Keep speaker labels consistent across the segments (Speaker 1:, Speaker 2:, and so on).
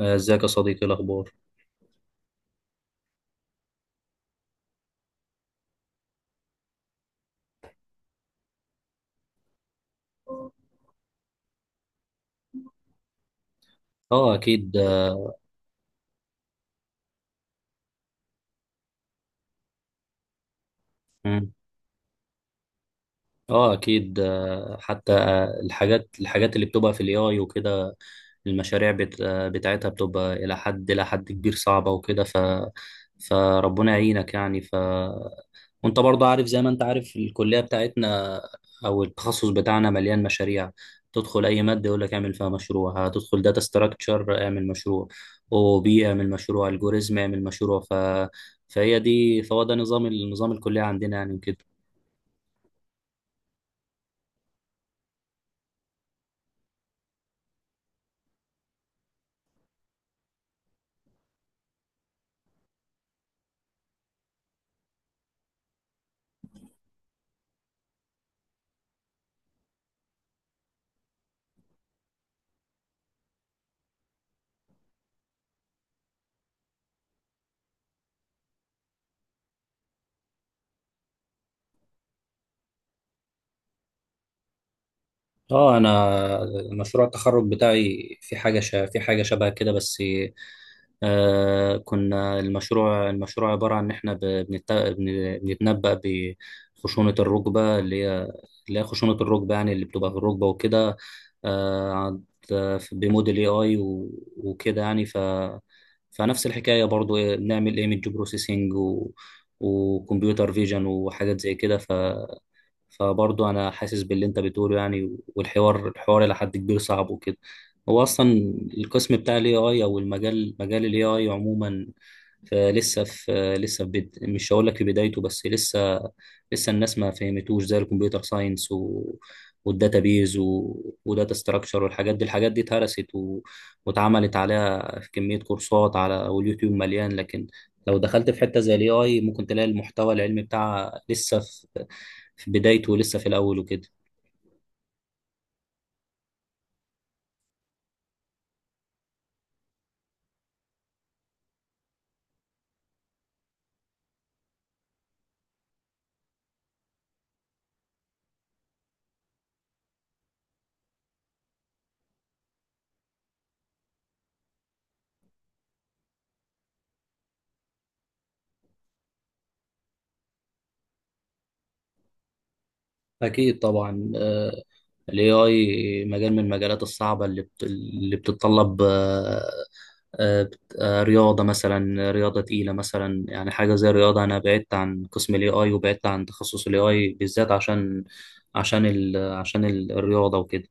Speaker 1: ازيك يا صديقي، إيه الاخبار؟ اه اكيد. مم. اه اكيد. آه، حتى آه، الحاجات اللي بتبقى في الاي اي وكده. المشاريع بتاعتها بتبقى إلى حد كبير صعبة وكده. فربنا يعينك يعني. وأنت برضه عارف، زي ما أنت عارف، الكلية بتاعتنا أو التخصص بتاعنا مليان مشاريع. تدخل أي مادة يقول لك اعمل فيها مشروع، هتدخل داتا ستراكشر اعمل مشروع، أو بي اعمل مشروع، الجوريزم اعمل مشروع. ف... فهي دي فهو ده نظام الكلية عندنا يعني وكده. اه انا مشروع التخرج بتاعي في في حاجه شبه كده بس. آه، كنا المشروع عباره عن ان احنا بنتنبأ بخشونه الركبه، اللي هي خشونه الركبه، يعني اللي بتبقى في الركبه وكده. آه عند... بموديل اي اي وكده يعني. فنفس الحكايه برضو، إيه، بنعمل ايمج بروسيسنج وكمبيوتر فيجن وحاجات زي كده. فبرضه انا حاسس باللي انت بتقوله يعني، والحوار الى حد كبير صعب وكده. هو اصلا القسم بتاع الاي اي، او المجال، مجال الاي اي عموما، فلسه في مش هقول لك في بدايته، بس لسه. لسه الناس ما فهمتوش زي الكمبيوتر ساينس والداتابيز وداتا ستراكشر والحاجات دي. الحاجات دي اتهرست واتعملت عليها في كمية كورسات على واليوتيوب مليان. لكن لو دخلت في حتة زي الاي اي ممكن تلاقي المحتوى العلمي بتاعها لسه في بدايته، لسه في الأول وكده. أكيد طبعا. ال AI مجال من المجالات الصعبة اللي اللي بتتطلب، رياضة مثلا، رياضة تقيلة مثلا، يعني حاجة زي الرياضة. أنا بعدت عن قسم ال AI وبعدت عن تخصص ال AI بالذات عشان، الرياضة وكده.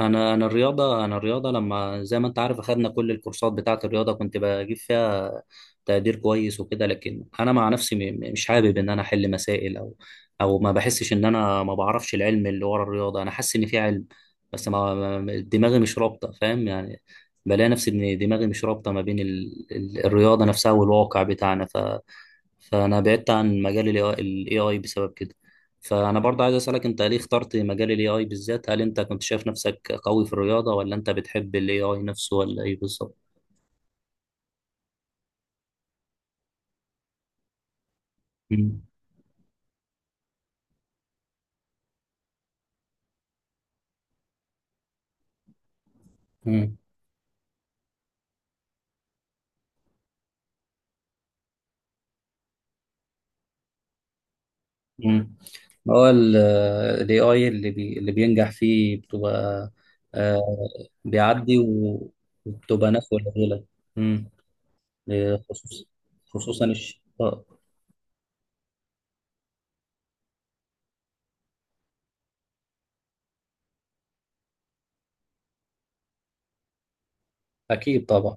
Speaker 1: انا الرياضه، لما زي ما انت عارف اخدنا كل الكورسات بتاعه الرياضه، كنت بجيب فيها تقدير كويس وكده. لكن انا مع نفسي مش حابب ان انا احل مسائل او، او ما بحسش ان انا ما بعرفش العلم اللي ورا الرياضه. انا حاسس ان في علم، بس دماغي مش رابطه، فاهم يعني. بلاقي نفسي ان دماغي مش رابطه ما بين الرياضه نفسها والواقع بتاعنا. فانا بعدت عن مجال الاي اي بسبب كده. فانا برضه عايز اسالك، انت ليه اخترت مجال الاي اي بالذات؟ هل انت كنت شايف نفسك قوي في الرياضه، ولا انت بتحب الاي اي نفسه، ولا ايه بالظبط؟ مم. مم. مم. هو الاي اي اللي بينجح فيه بتبقى، آه، بيعدي وبتبقى نفوة لغيرك. مم. خصوصا، خصوصا الش... آه، اكيد طبعا.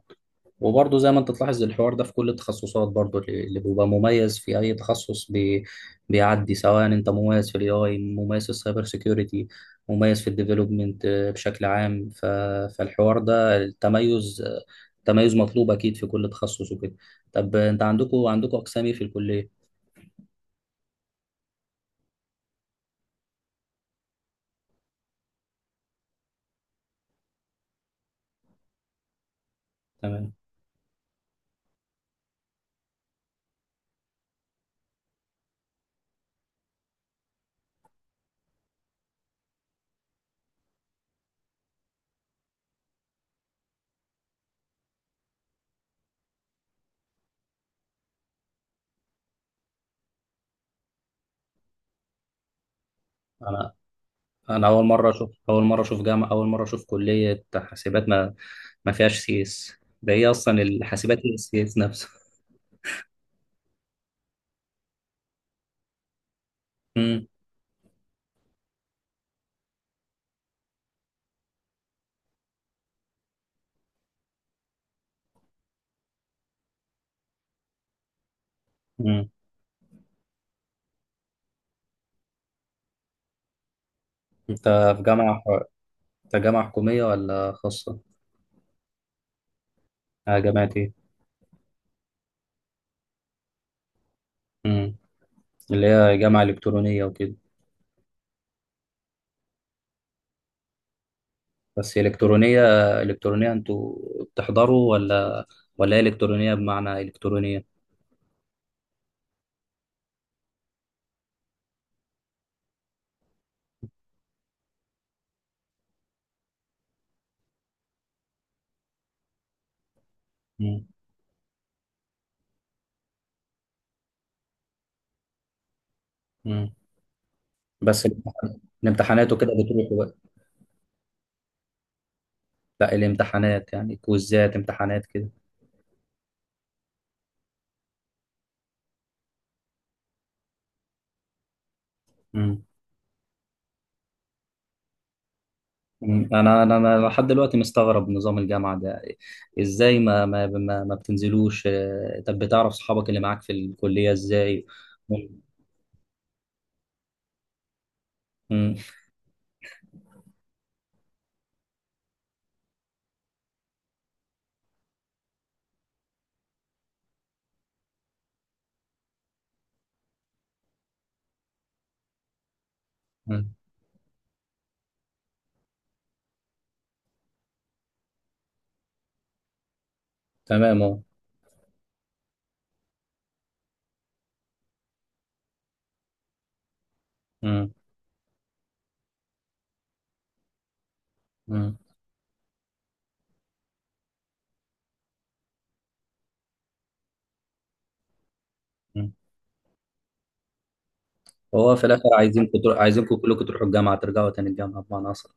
Speaker 1: وبرضه زي ما انت تلاحظ، الحوار ده في كل التخصصات برضه. اللي بيبقى مميز في اي تخصص بي، بيعدي. سواء انت مميز في الاي اي، مميز في السايبر سيكيورتي، مميز في الديفلوبمنت بشكل عام. فالحوار ده، التميز، تميز مطلوب اكيد في كل تخصص وكده. طب انت عندكم اقسام ايه في الكليه؟ تمام. انا انا اول مره اشوف اول مره اشوف جامعه، اول مره اشوف كليه حاسبات ما فيهاش سي اس. ده ايه اصلا الحاسبات، إيه السي اس نفسه؟ امم. انت في جامعة، انت جامعة حكومية ولا خاصة؟ اه جامعة ايه؟ مم. اللي هي جامعة إلكترونية وكده. بس إلكترونية، إلكترونية انتوا بتحضروا، ولا، ولا هي إلكترونية بمعنى إلكترونية؟ مم. مم. بس الامتحانات وكده بتروحوا بقى؟ لا الامتحانات يعني، كويزات امتحانات كده. مم. مم. انا انا أنا لحد دلوقتي مستغرب نظام الجامعه ده. ازاي ما بتنزلوش؟ طب بتعرف صحابك اللي معاك في الكليه ازاي؟ مم. مم. تمام اهو. مم. مم. مم. وهو في الاخر عايزينكم تروح، عايزينكم كلكم تروحوا الجامعه، ترجعوا تاني الجامعه بمعنى اصلا.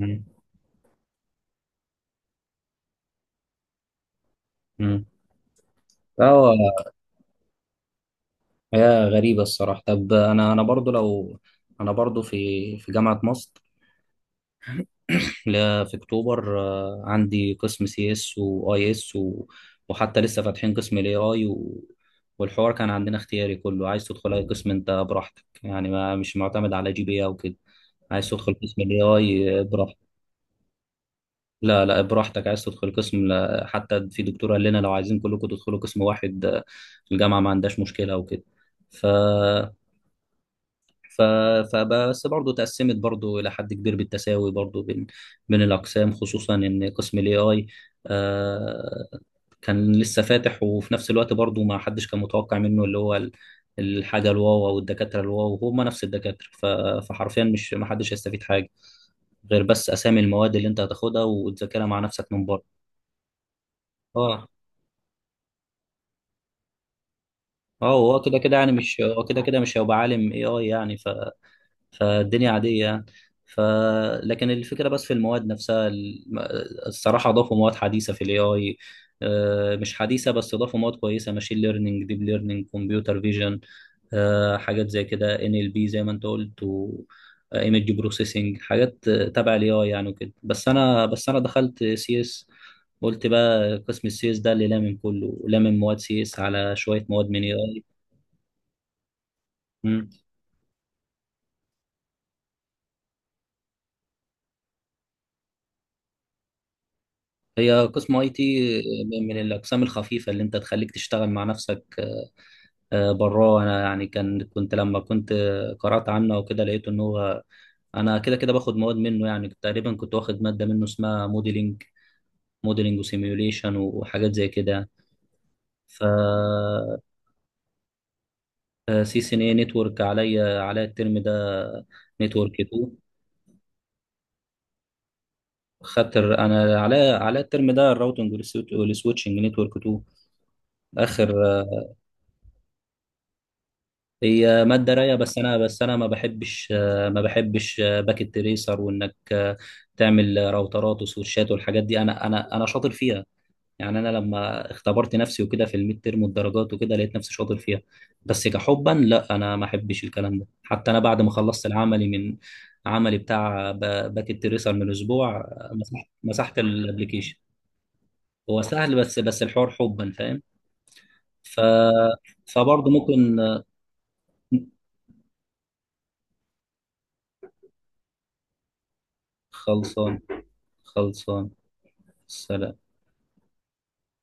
Speaker 1: مم. مم. فهو، حياه غريبه الصراحه. طب انا انا برضو لو، انا برضو في، في جامعه مصر، لا في اكتوبر، عندي قسم سي اس واي اس، وحتى لسه فاتحين قسم الاي اي والحوار كان عندنا اختياري، كله عايز تدخل اي قسم انت براحتك يعني، ما مش معتمد على جي بي إيه او كده. عايز تدخل قسم الاي اي براحتك. لا براحتك عايز تدخل قسم. لا حتى في دكتور قال لنا لو عايزين كلكم تدخلوا قسم واحد، الجامعة ما عندهاش مشكلة وكده. ف ف فبس برضه تقسمت برضه إلى حد كبير بالتساوي برضه بين، بين الأقسام، خصوصا إن قسم ال AI آه، كان لسه فاتح. وفي نفس الوقت برضه ما حدش كان متوقع منه، اللي هو الحاجة الواو، أو الدكاترة الواو هم نفس الدكاترة. فحرفيا مش ما حدش هيستفيد حاجة غير بس أسامي المواد اللي أنت هتاخدها وتذاكرها مع نفسك من بره. اه. اه، هو كده كده مش هيبقى عالم اي اي يعني. فالدنيا عادية يعني. ف لكن الفكرة بس في المواد نفسها الصراحة اضافوا مواد حديثة في الاي اي، مش حديثة بس اضافوا مواد كويسة، ماشين ليرنينج، ديب ليرنينج، كمبيوتر فيجن، حاجات زي كده، ان ال بي زي ما انت قلت، و ايمج بروسيسنج، حاجات تبع الاي اي يعني وكده. بس انا دخلت سي اس، قلت بقى قسم السي اس ده اللي لامم كله، لامم مواد سي اس على شويه مواد من اي اي. مم. هي قسم اي تي من الاقسام الخفيفه اللي انت تخليك تشتغل مع نفسك براه. انا يعني كان كنت لما كنت قرات عنه وكده لقيت ان هو انا كده كده باخد مواد منه يعني. تقريبا كنت واخد ماده منه اسمها موديلنج وسيميوليشن وحاجات زي كده يعني. ف سي سي ان اي نتورك، عليا الترم ده نتورك 2. انا عليا الترم ده الراوتنج والسويتشنج، نتورك 2. اخر. هي ماده رايقه، بس انا ما بحبش، ما بحبش باكيت تريسر، وانك تعمل راوترات وسويتشات والحاجات دي. انا شاطر فيها يعني. انا لما اختبرت نفسي وكده في الميد ترم والدرجات وكده لقيت نفسي شاطر فيها، بس كحبا لا، انا ما احبش الكلام ده. حتى انا بعد ما خلصت العملي من، عملي بتاع باك التريسر من اسبوع، مسحت الابلكيشن. هو سهل، بس الحوار حبا، فاهم. ف فبرضه ممكن. خلصان خلصان. سلام.